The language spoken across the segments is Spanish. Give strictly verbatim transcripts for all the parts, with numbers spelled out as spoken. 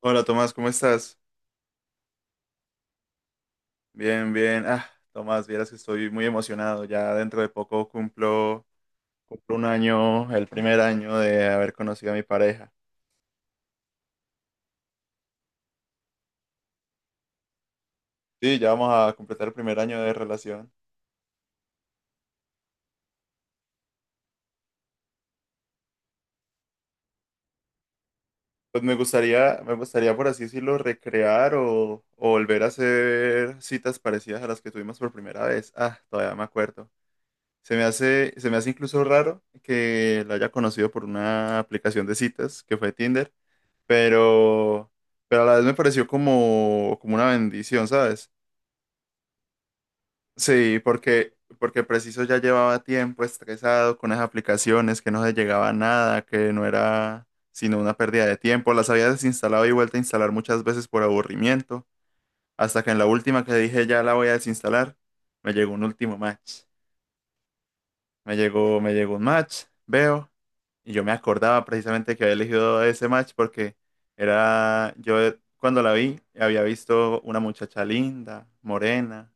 Hola Tomás, ¿cómo estás? Bien, bien. Ah, Tomás, vieras que estoy muy emocionado. Ya dentro de poco cumplo, cumplo un año, el primer año de haber conocido a mi pareja. Sí, ya vamos a completar el primer año de relación. Pues me gustaría, me gustaría por así decirlo, recrear o, o volver a hacer citas parecidas a las que tuvimos por primera vez. Ah, todavía me acuerdo. Se me hace, se me hace incluso raro que la haya conocido por una aplicación de citas que fue Tinder. pero, pero a la vez me pareció como, como una bendición, ¿sabes? Sí, porque, porque preciso ya llevaba tiempo estresado con las aplicaciones, que no se llegaba a nada, que no era sino una pérdida de tiempo. Las había desinstalado y vuelto a instalar muchas veces por aburrimiento, hasta que en la última que dije ya la voy a desinstalar, me llegó un último match. Me llegó, me llegó un match, veo, y yo me acordaba precisamente que había elegido ese match porque era, yo cuando la vi, había visto una muchacha linda, morena,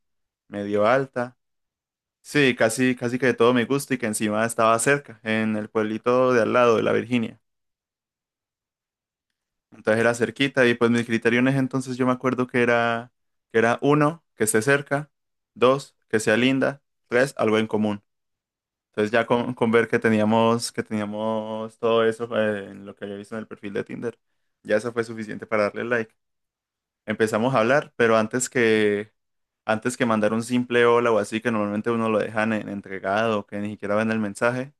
medio alta. Sí, casi, casi que de todo me gusta y que encima estaba cerca, en el pueblito de al lado de la Virginia. Entonces era cerquita y pues mis criterios en ese entonces yo me acuerdo que era, que era uno, que esté cerca, dos, que sea linda, tres, algo en común. Entonces ya con, con ver que teníamos, que teníamos todo eso eh, en lo que había visto en el perfil de Tinder, ya eso fue suficiente para darle like. Empezamos a hablar, pero antes que, antes que mandar un simple hola o así, que normalmente uno lo dejan en entregado, que ni siquiera ven el mensaje,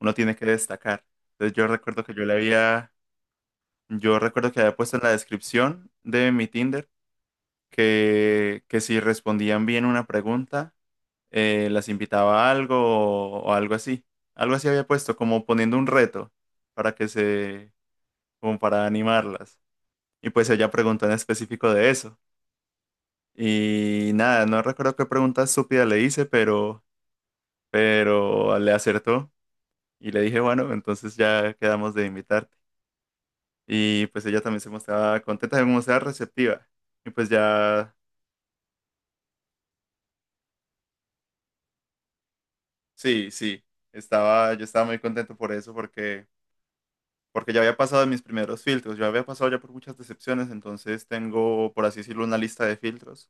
uno tiene que destacar. Entonces yo recuerdo que yo le había, yo recuerdo que había puesto en la descripción de mi Tinder que, que si respondían bien una pregunta, eh, las invitaba a algo o, o algo así. Algo así había puesto, como poniendo un reto para que se, como para animarlas. Y pues ella preguntó en específico de eso. Y nada, no recuerdo qué pregunta estúpida le hice, pero, pero le acertó. Y le dije, bueno, entonces ya quedamos de invitarte. Y pues ella también se mostraba contenta, se mostraba receptiva. Y pues ya, sí, sí, estaba, yo estaba muy contento por eso, porque porque, ya había pasado mis primeros filtros, yo había pasado ya por muchas decepciones, entonces tengo, por así decirlo, una lista de filtros,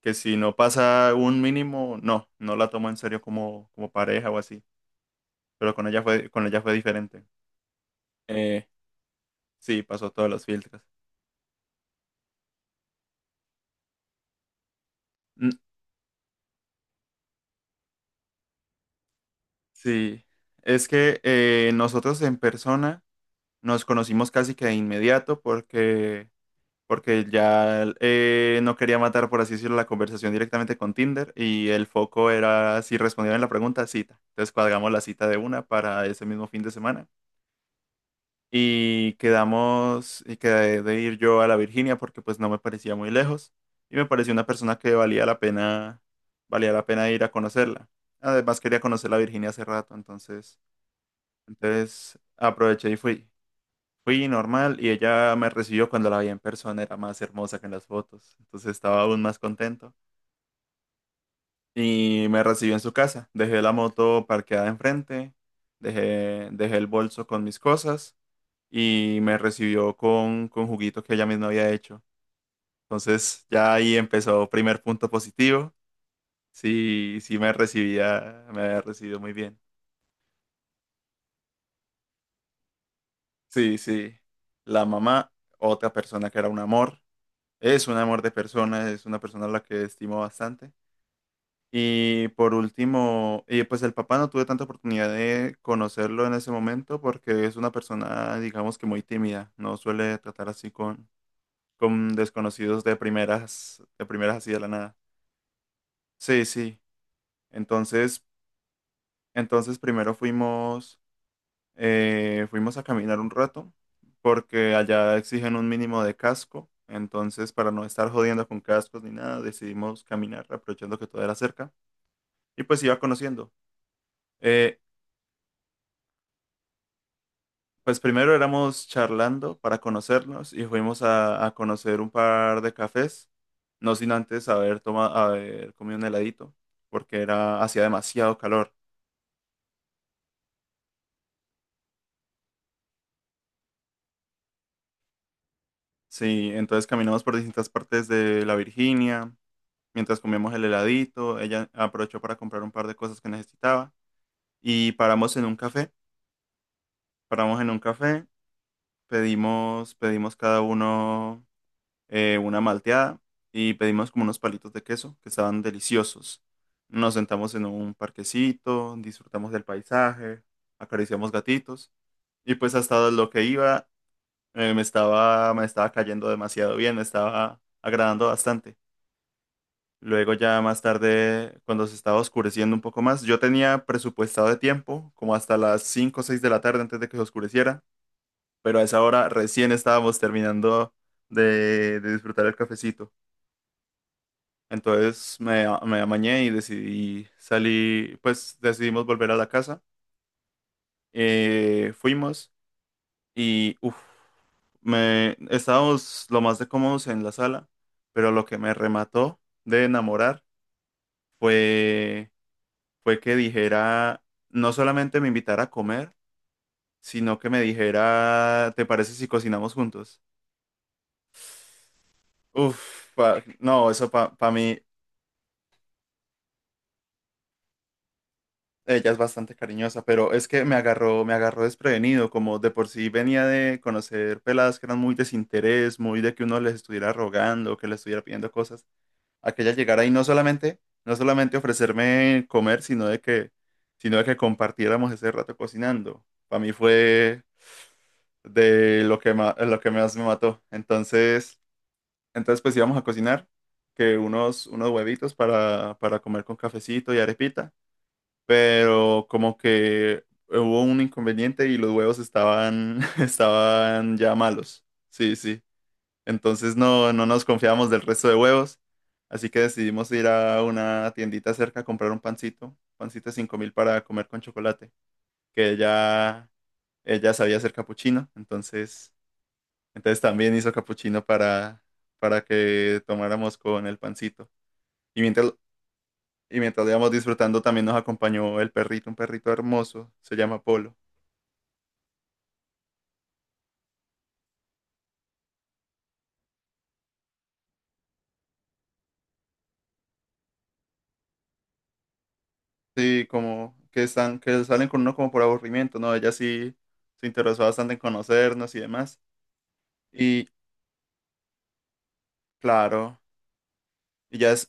que si no pasa un mínimo, no, no la tomo en serio como, como pareja o así, pero con ella fue, con ella fue diferente. Eh, sí, pasó todos los filtros. Mm. Sí, es que eh, nosotros en persona nos conocimos casi que de inmediato porque porque ya eh, no quería matar, por así decirlo, la conversación directamente con Tinder y el foco era si respondían la pregunta, cita. Entonces cuadramos la cita de una para ese mismo fin de semana y quedamos y quedé de ir yo a la Virginia porque pues no me parecía muy lejos y me pareció una persona que valía la pena, valía la pena ir a conocerla. Además quería conocer la Virginia hace rato, entonces, entonces aproveché y fui. Fui normal y ella me recibió cuando la vi en persona, era más hermosa que en las fotos, entonces estaba aún más contento. Y me recibió en su casa, dejé la moto parqueada enfrente, dejé, dejé el bolso con mis cosas y me recibió con, con juguito que ella misma había hecho. Entonces ya ahí empezó primer punto positivo, sí, sí me recibía, me había recibido muy bien. Sí, sí, la mamá, otra persona que era un amor, es un amor de persona, es una persona a la que estimo bastante. Y por último, eh, pues el papá no tuve tanta oportunidad de conocerlo en ese momento porque es una persona, digamos que muy tímida, no suele tratar así con, con desconocidos de primeras, de primeras así de la nada. Sí, sí. Entonces, entonces primero fuimos, eh, fuimos a caminar un rato porque allá exigen un mínimo de casco. Entonces, para no estar jodiendo con cascos ni nada, decidimos caminar aprovechando que todo era cerca. Y pues iba conociendo. Eh, Pues primero éramos charlando para conocernos y fuimos a, a conocer un par de cafés, no sin antes haber tomado, haber comido un heladito, porque era, hacía demasiado calor. Sí, entonces caminamos por distintas partes de la Virginia, mientras comíamos el heladito, ella aprovechó para comprar un par de cosas que necesitaba y paramos en un café, paramos en un café, pedimos, pedimos cada uno eh, una malteada y pedimos como unos palitos de queso que estaban deliciosos. Nos sentamos en un parquecito, disfrutamos del paisaje, acariciamos gatitos y pues hasta lo que iba eh, me estaba, me estaba cayendo demasiado bien, me estaba agradando bastante. Luego ya más tarde, cuando se estaba oscureciendo un poco más, yo tenía presupuestado de tiempo como hasta las cinco o seis de la tarde antes de que se oscureciera, pero a esa hora recién estábamos terminando de de disfrutar el cafecito. Entonces me, a- me amañé y decidí salir, pues decidimos volver a la casa. Eh, fuimos y uf, me, estábamos lo más de cómodos en la sala, pero lo que me remató de enamorar fue, fue que dijera, no solamente me invitara a comer, sino que me dijera, ¿te parece si cocinamos juntos? Uf, pa- no, eso para mí. Ella es bastante cariñosa, pero es que me agarró, me agarró desprevenido, como de por sí venía de conocer peladas que eran muy desinterés, muy de que uno les estuviera rogando, que les estuviera pidiendo cosas, a que ella llegara y no solamente, no solamente ofrecerme comer, sino de que, sino de que compartiéramos ese rato cocinando. Para mí fue de lo que ma- lo que más me mató. Entonces, entonces pues íbamos a cocinar, que unos, unos huevitos para, para comer con cafecito y arepita, pero como que hubo un inconveniente y los huevos estaban, estaban ya malos. Sí, sí. Entonces no, no nos confiamos del resto de huevos, así que decidimos ir a una tiendita cerca a comprar un pancito, pancito cinco mil para comer con chocolate, que ella, ella sabía hacer capuchino, entonces, entonces también hizo capuchino para, para que tomáramos con el pancito. Y mientras, y mientras lo íbamos disfrutando, también nos acompañó el perrito, un perrito hermoso, se llama Polo. Sí, como que están, que salen con uno como por aburrimiento, ¿no? Ella sí se interesó bastante en conocernos y demás. Y claro, ella es,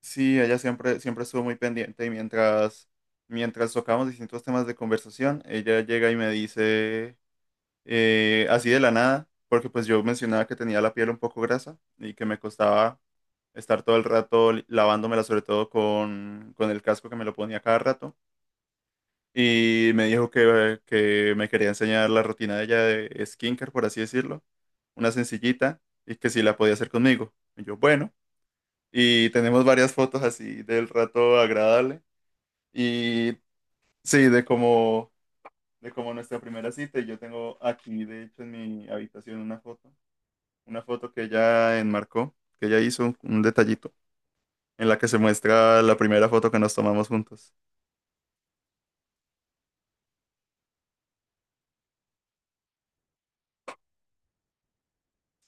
sí, ella siempre, siempre estuvo muy pendiente y mientras, mientras tocamos distintos temas de conversación, ella llega y me dice, eh, así de la nada, porque pues yo mencionaba que tenía la piel un poco grasa y que me costaba estar todo el rato li- lavándomela, sobre todo con, con el casco que me lo ponía cada rato. Y me dijo que, que me quería enseñar la rutina de ella de skincare, por así decirlo, una sencillita, y que si la podía hacer conmigo. Y yo, bueno, y tenemos varias fotos así del rato agradable, y sí, de como, de como nuestra primera cita, y yo tengo aquí, de hecho, en mi habitación una foto, una foto que ella enmarcó, que ella hizo un un detallito, en la que se muestra la primera foto que nos tomamos juntos.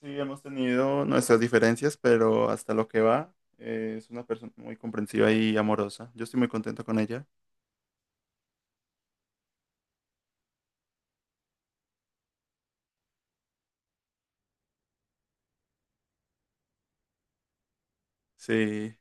Sí, hemos tenido nuestras diferencias, pero hasta lo que va, eh, es una persona muy comprensiva y amorosa. Yo estoy muy contento con ella. Sí.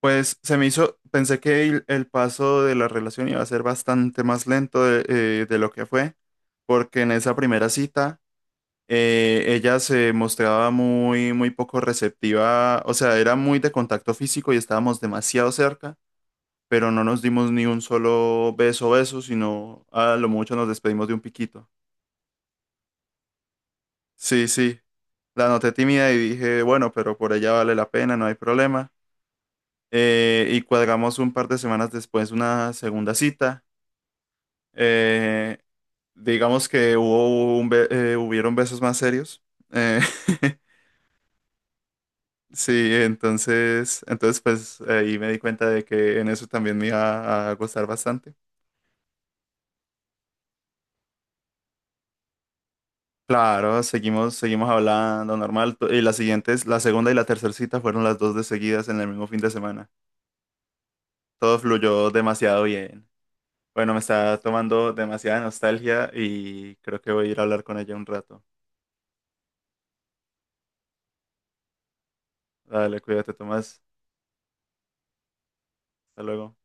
Pues se me hizo, pensé que el, el paso de la relación iba a ser bastante más lento de, eh, de lo que fue, porque en esa primera cita eh, ella se mostraba muy, muy poco receptiva, o sea, era muy de contacto físico y estábamos demasiado cerca, pero no nos dimos ni un solo beso, beso, sino a lo mucho nos despedimos de un piquito. Sí, sí, la noté tímida y dije, bueno, pero por ella vale la pena, no hay problema. Eh, y cuadramos un par de semanas después una segunda cita. Eh, digamos que hubo un be- eh, hubieron besos más serios. Eh, sí, entonces, entonces pues ahí me di cuenta de que en eso también me iba a gustar bastante. Claro, seguimos, seguimos hablando normal. to- Y las siguientes, la segunda y la tercera cita fueron las dos de seguidas en el mismo fin de semana. Todo fluyó demasiado bien. Bueno, me está tomando demasiada nostalgia y creo que voy a ir a hablar con ella un rato. Dale, cuídate, Tomás. Hasta luego.